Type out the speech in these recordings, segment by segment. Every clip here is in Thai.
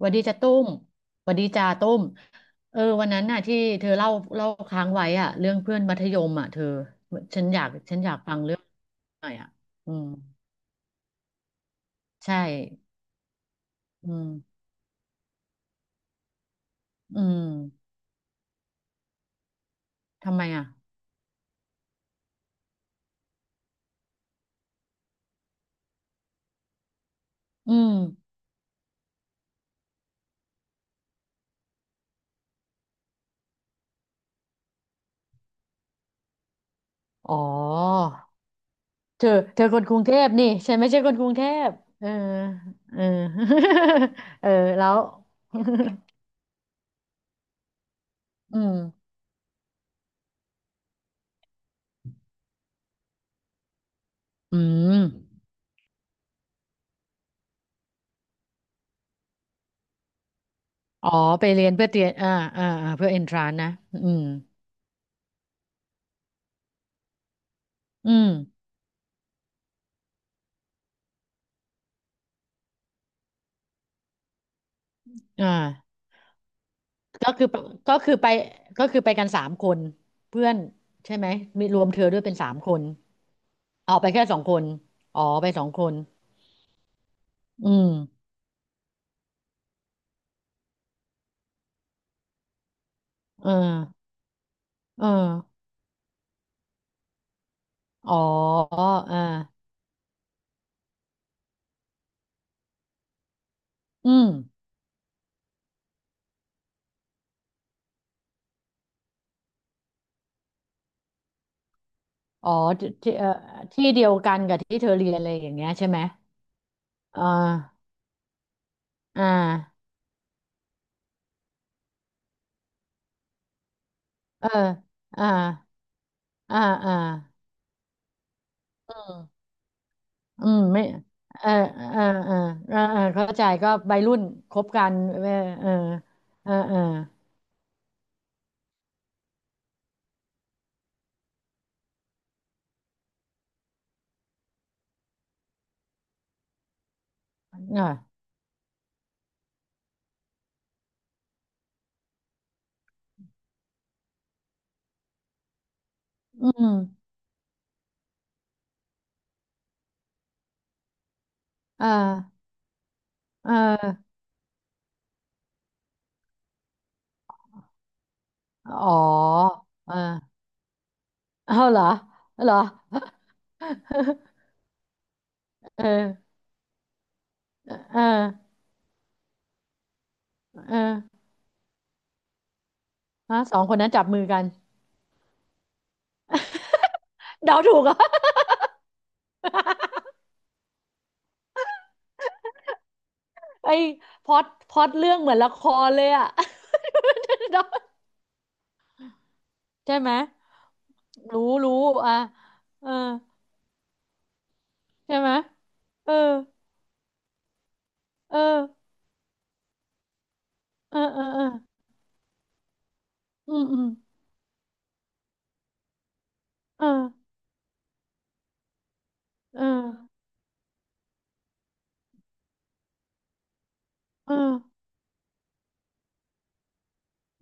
หวัดดีจ้าตุ้มหวัดดีจ้าตุ้มเออวันนั้นน่ะที่เธอเล่าเล่าค้างไว้อะเรื่องเพื่อนมัธยมอ่ะเธอฉันอยากฟังเรื่องหน่อยอ่ะอืมใช่อืมอืมทำไมอ่ะอืมอ๋อเธอเธอคนกรุงเทพนี่ฉันไม่ใช่คนกรุงเทพเออเออ เออแล้วอืมอืมอ๋อไปเรียนเพื่อเตรียมอ่าอ่าเพื่อเอนทรานนะอืมอืมอ่า ก็คือก็คือไปก็คือไปกันสามคนเพื่อนใช่ไหมมีรวมเธอด้วยเป็นสามคนเอาไปแค่สองคนอ๋อไปสองคนอืมเออเอออ๋อเอออืมอ๋อที่ที่เดียวกันกับที่เธอเรียนอะไรอย่างเงี้ยใช่ไหมอ่าอ่าเอออ่าอ่าอ่าอืมอืมไม่เออเออเออเออเออเข้าใจก็วัยรุ่นคบกันเออเออเออเออ อืม อ่าอ่าอ๋ออ่าเอาเหรอเหรอ เออเออเออฮะสองคนนั้นจับมือกันเดาถูกเหรอ่ะ ไอ้พล็อตเรื่องเหมือนละครเลยอ่ะ เดาใช่ไหม รู้รู้อ่ะเออใช่ไหมเออเออเออเออเอออืมอืมเออเออเออ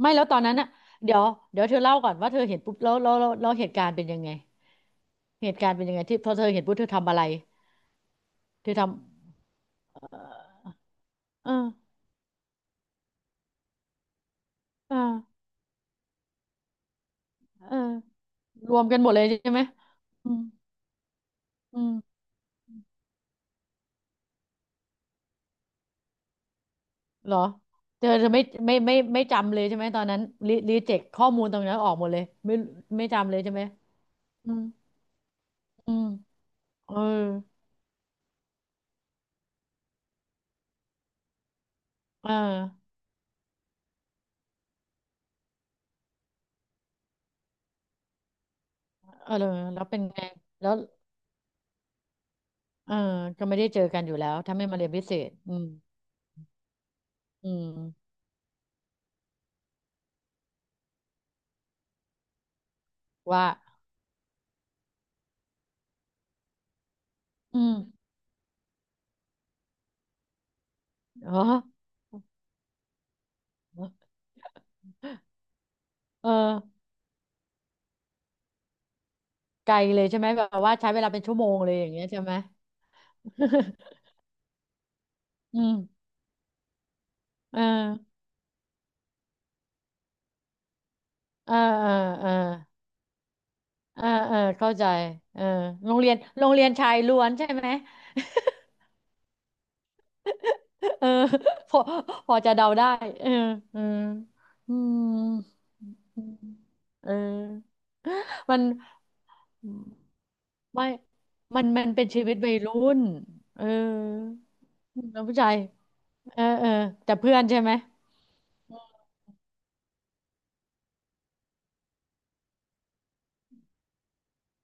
ไม่แล้วตอนนั้นอ่ะเดี๋ยวเดี๋ยวเธอเล่าก่อนว่าเธอเห็นปุ๊บแล้วเหตุการณ์เป็นยังไง เหตุการณ์เป็นยังไงที่พอเธอเห็นปุ๊บเธอทำอะไรเธอทำเออเออเออรวมกันหมดเลยใช่ไหมอืมอืมเหรอเธอจะไม่ไม่จำเลยใช่ไหมตอนนั้นรีเจ็คข้อมูลตรงนั้นออกหมดเลยไม่ไม่จำเลยใช่ไหมอืมอืมเออเออเออแล้วเป็นไงแล้วเออก็ไม่ได้เจอกันอยู่แล้วถ้าไม่มาเรียนพิเศษอืมอืมว่าอืมเหรอเออไกลเลยใช่ไหมแบบว่าใช้เวลาเป็นชั่วโมงเลยอย่างเงี้ยใช่ไหม อืมเออเออเออเออเออเออเข้าใจเออโรงเรียนชายล้วนใช่ไหม เออพอพอจะเดาได้เออเอออืมเออ มันไม่มันเป็นชีวิตวัยรุ่นเออแล้วผู้ชายเออเออแต่เพื่อนใช่ไหม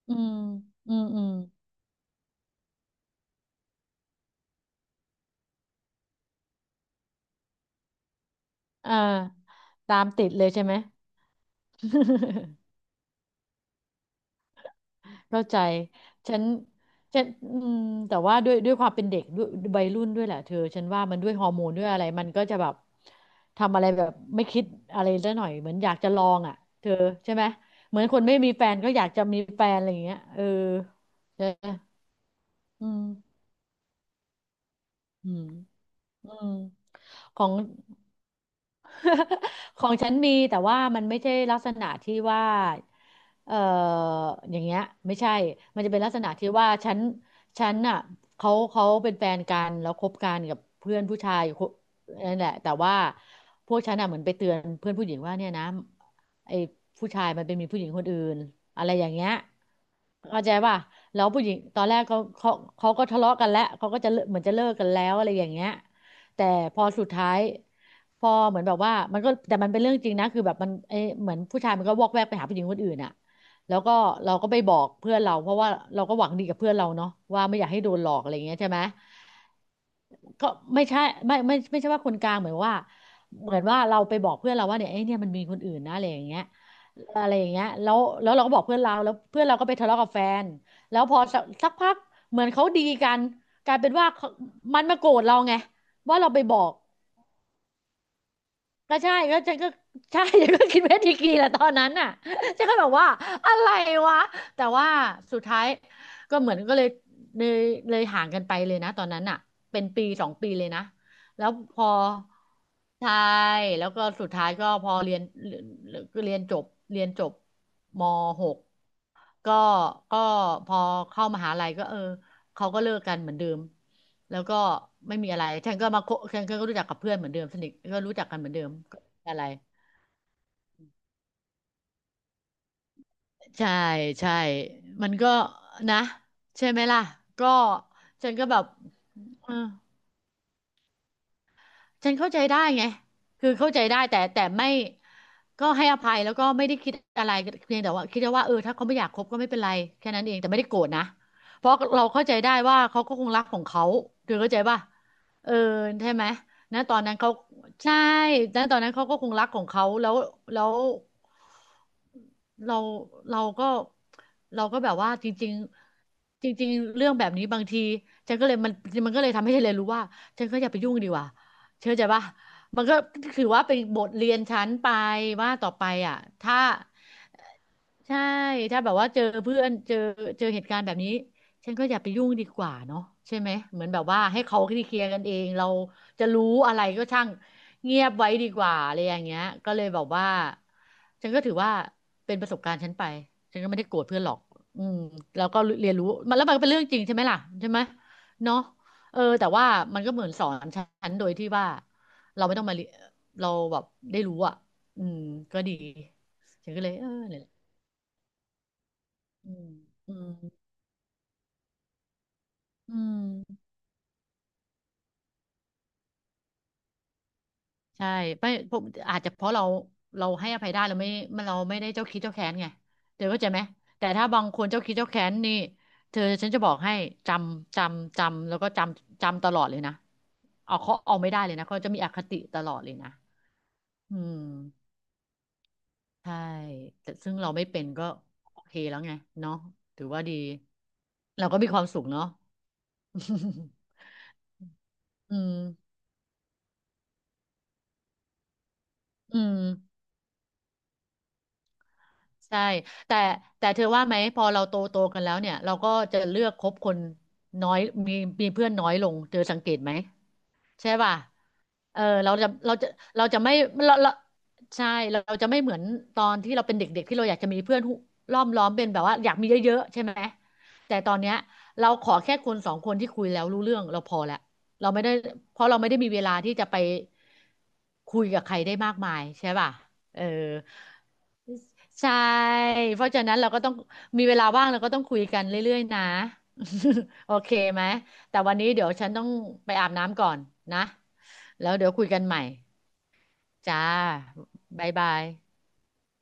อืมอืมอืมอ่าตามติดเลยใช่ไหม เข้าใจฉันฉันอืมแต่ว่าด้วยความเป็นเด็กด้วยวัยรุ่นด้วยแหละเธอ ฉันว่ามันด้วยฮอร์โมนด้วยอะไรมันก็จะแบบทำอะไรแบบไม่คิดอะไรซะหน่อยเหมือนอยากจะลองอ่ะ เธอใช่ไหม เหมือนคนไม่มีแฟนก็อยากจะมีแฟนอะไรอย่างเงี้ยเออใช่ไหมอืมอืมอืมของ ของฉันมีแต่ว่ามันไม่ใช่ลักษณะที่ว่าเอ่ออย่างเงี้ยไม่ใช่มันจะเป็นลักษณะที่ว่าฉันน่ะเขาเป็นแฟนกันแล้วคบกันกับเพื่อนผู้ชายอยู่คนนั่นแหละแต่ว่าพวกฉันน่ะเหมือนไปเตือนเพื่อนผู้หญิงว่าเนี่ยนะไอ้ผู้ชายมันเป็นมีผู้หญิงคนอื่นอะไรอย่างเงี้ยเข้าใจป่ะแล้วผู้หญิงตอนแรกเขาเขาก็ทะเลาะกันแล้วเขาก็จะเลิกเหมือนจะเลิกกันแล้วอะไรอย่างเงี้ย แต่พอสุดท้ายพอเหมือนแบบว่ามันก็แต่มันเป็นเรื่องจริงนะคือแบบมันเอ้ยเหมือนผู้ชายมันก็วอกแวกไปหาผู้หญิงคนอื่นอ่ะแล้วก็เราก็ไปบอกเพื่อนเราเพราะว่าเราก็หวังดีกับเพื่อนเราเนาะว่าไม่อยากให้โดนหลอกอะไรอย่างเงี้ยใช่ไหมก็ไม่ใช่ไม่ใช่ว่าคนกลางเหมือนว่าเหมือนว่าเราไปบอกเพื่อนเราว่าเนี่ยไอ้ยเนี่ยมันมีคนอื่นนะอะไรอย่างเงี้ยอะไรอย่างเงี้ยแล้วเราก็บอกเพื่อนเราแล้วเพื่อนเราก็ไปทะเลาะกับแฟนแล้วพอสักพักเหมือนเขาดีกันกลายเป็นว่าเขามันมาโกรธเราไงว่าเราไปบอก ก็ใช่ก็ฉันก็ใช่ฉันก็คิดเวทีกรีแหละตอนนั้นน่ะ ฉันก็แบบว่าอะไรวะแต่ว่าสุดท้ายก็เหมือนก็เลยเลยเลยห่างกันไปเลยนะตอนนั้นน่ะเป็นปีสองปีเลยนะแล้วพอใช่แล้วก็สุดท้ายก็พอเรียนเรียนจบเรียนจบม .6 กก็ก็พอเข้ามหาลัยก็เออ เขาก็เลิกกันเหมือนเดิมแล้วก็ไม่มีอะไรฉันก็มาคบฉันก็รู้จักกับเพื่อนเหมือนเดิมสนิทก็รู้จักกันเหมือนเดิมก็ไม่มีอะไร ใช่ใช่มันก็นะใช่ไหมล่ะ ก็ ฉันก็แบบเออ ฉันเข้าใจได้ไงคือเข้าใจได้แต่ไม่ก็ให้อภัยแล้วก็ไม่ได้คิดอะไรเพียงแต่ว่าคิดว่าเออถ้าเขาไม่อยากคบก็ไม่เป็นไรแค่นั้นเองแต่ไม่ได้โกรธนะเพราะเราเข้าใจได้ว่าเขาก็คงรักของเขาเธอเข้าใจป่ะเออใช่ไหมนะตอนนั้นเขาใช่นะตอนนั้นเขาก็คงรักของเขาแล้วแล้ว เราเราก็เราก็แบบว่าจริงๆจริงๆเรื่องแบบนี้บางทีฉันก็เลยมันมันก็เลยทำให้ฉันเลยนรู้ว่าฉันก็อย่าไปยุ่งดีกว่าเชื่อใจปะมันก็ถือว่าเป็นบทเรียนฉันไปว่าต่อไปอ่ะถ้าใช่ถ้าแบบว่าเจอเพื่อนเจอเหตุการณ์แบบนี้ ฉันก็อย่าไปยุ่งดีกว่าเนาะใช่ไหมเหมือนแบบว่าให้เขาเคลียร์กันเองเราจะรู้อะไรก็ช่างเงียบไว้ดีกว่าอะไรอย่างเงี้ยก็เลยแบบว่าฉันก็ถือว่าเป็นประสบการณ์ฉันไปฉันก็ไม่ได้โกรธเพื่อนหรอกอืมแล้วก็เรียนรู้มันแล้วมันก็เป็นเรื่องจริงใช่ไหมล่ะใช่ไหมเนาะเออแต่ว่ามันก็เหมือนสอนฉันโดยที่ว่าเราไม่ต้องมาเรียเราแบบได้รู้อ่ะอืมก็ดีฉันก็เลยเออเนี่ยแหละอืมอืมอืม ใช่ไม่ผมอาจจะเพราะเราเราให้อภัยได้เราไม่เราไม่ได้เจ้าคิดเจ้าแค้นไงเธอเข้าใจไหมแต่ถ้าบางคนเจ้าคิดเจ้าแค้นนี่เธอฉันจะบอกให้จำแล้วก็จำตลอดเลยนะเอาเขาเอาไม่ได้เลยนะเขาจะมีอคติตลอดเลยนะอืมใช่แต่ซึ่งเราไม่เป็นก็โอเคแล้วไงเนาะถือว่าดีเราก็มีความสุขเนาะ อืมอืม ใช่แต่แต่เธอว่าไหมพอเราโตโตกันแล้วเนี่ยเราก็จะเลือกคบคนน้อยมีมีเพื่อนน้อยลงเธอสังเกตไหม ใช่ป่ะเออเราจะไม่เราเราเราจะไม่เหมือนตอนที่เราเป็นเด็กๆ ที่เราอยากจะมีเพื่อนหุล้อมเป็นแบบว่าอยากมีเยอะๆใช่ไหม แต่ตอนเนี้ยเราขอแค่คนสองคนที่คุยแล้วรู้เรื่องเราพอละเราไม่ได้เพราะเราไม่ได้มีเวลาที่จะไปคุยกับใครได้มากมายใช่ป่ะเออใช่ เพราะฉะนั้นเราก็ต้องมีเวลาว่างเราก็ต้องคุยกันเรื่อยๆนะ โอเคไหม แต่วันนี้เดี๋ยวฉันต้องไปอาบน้ำก่อนนะแล้วเดี๋ยวคุยกันใหม่จ้าบ๊ายบาย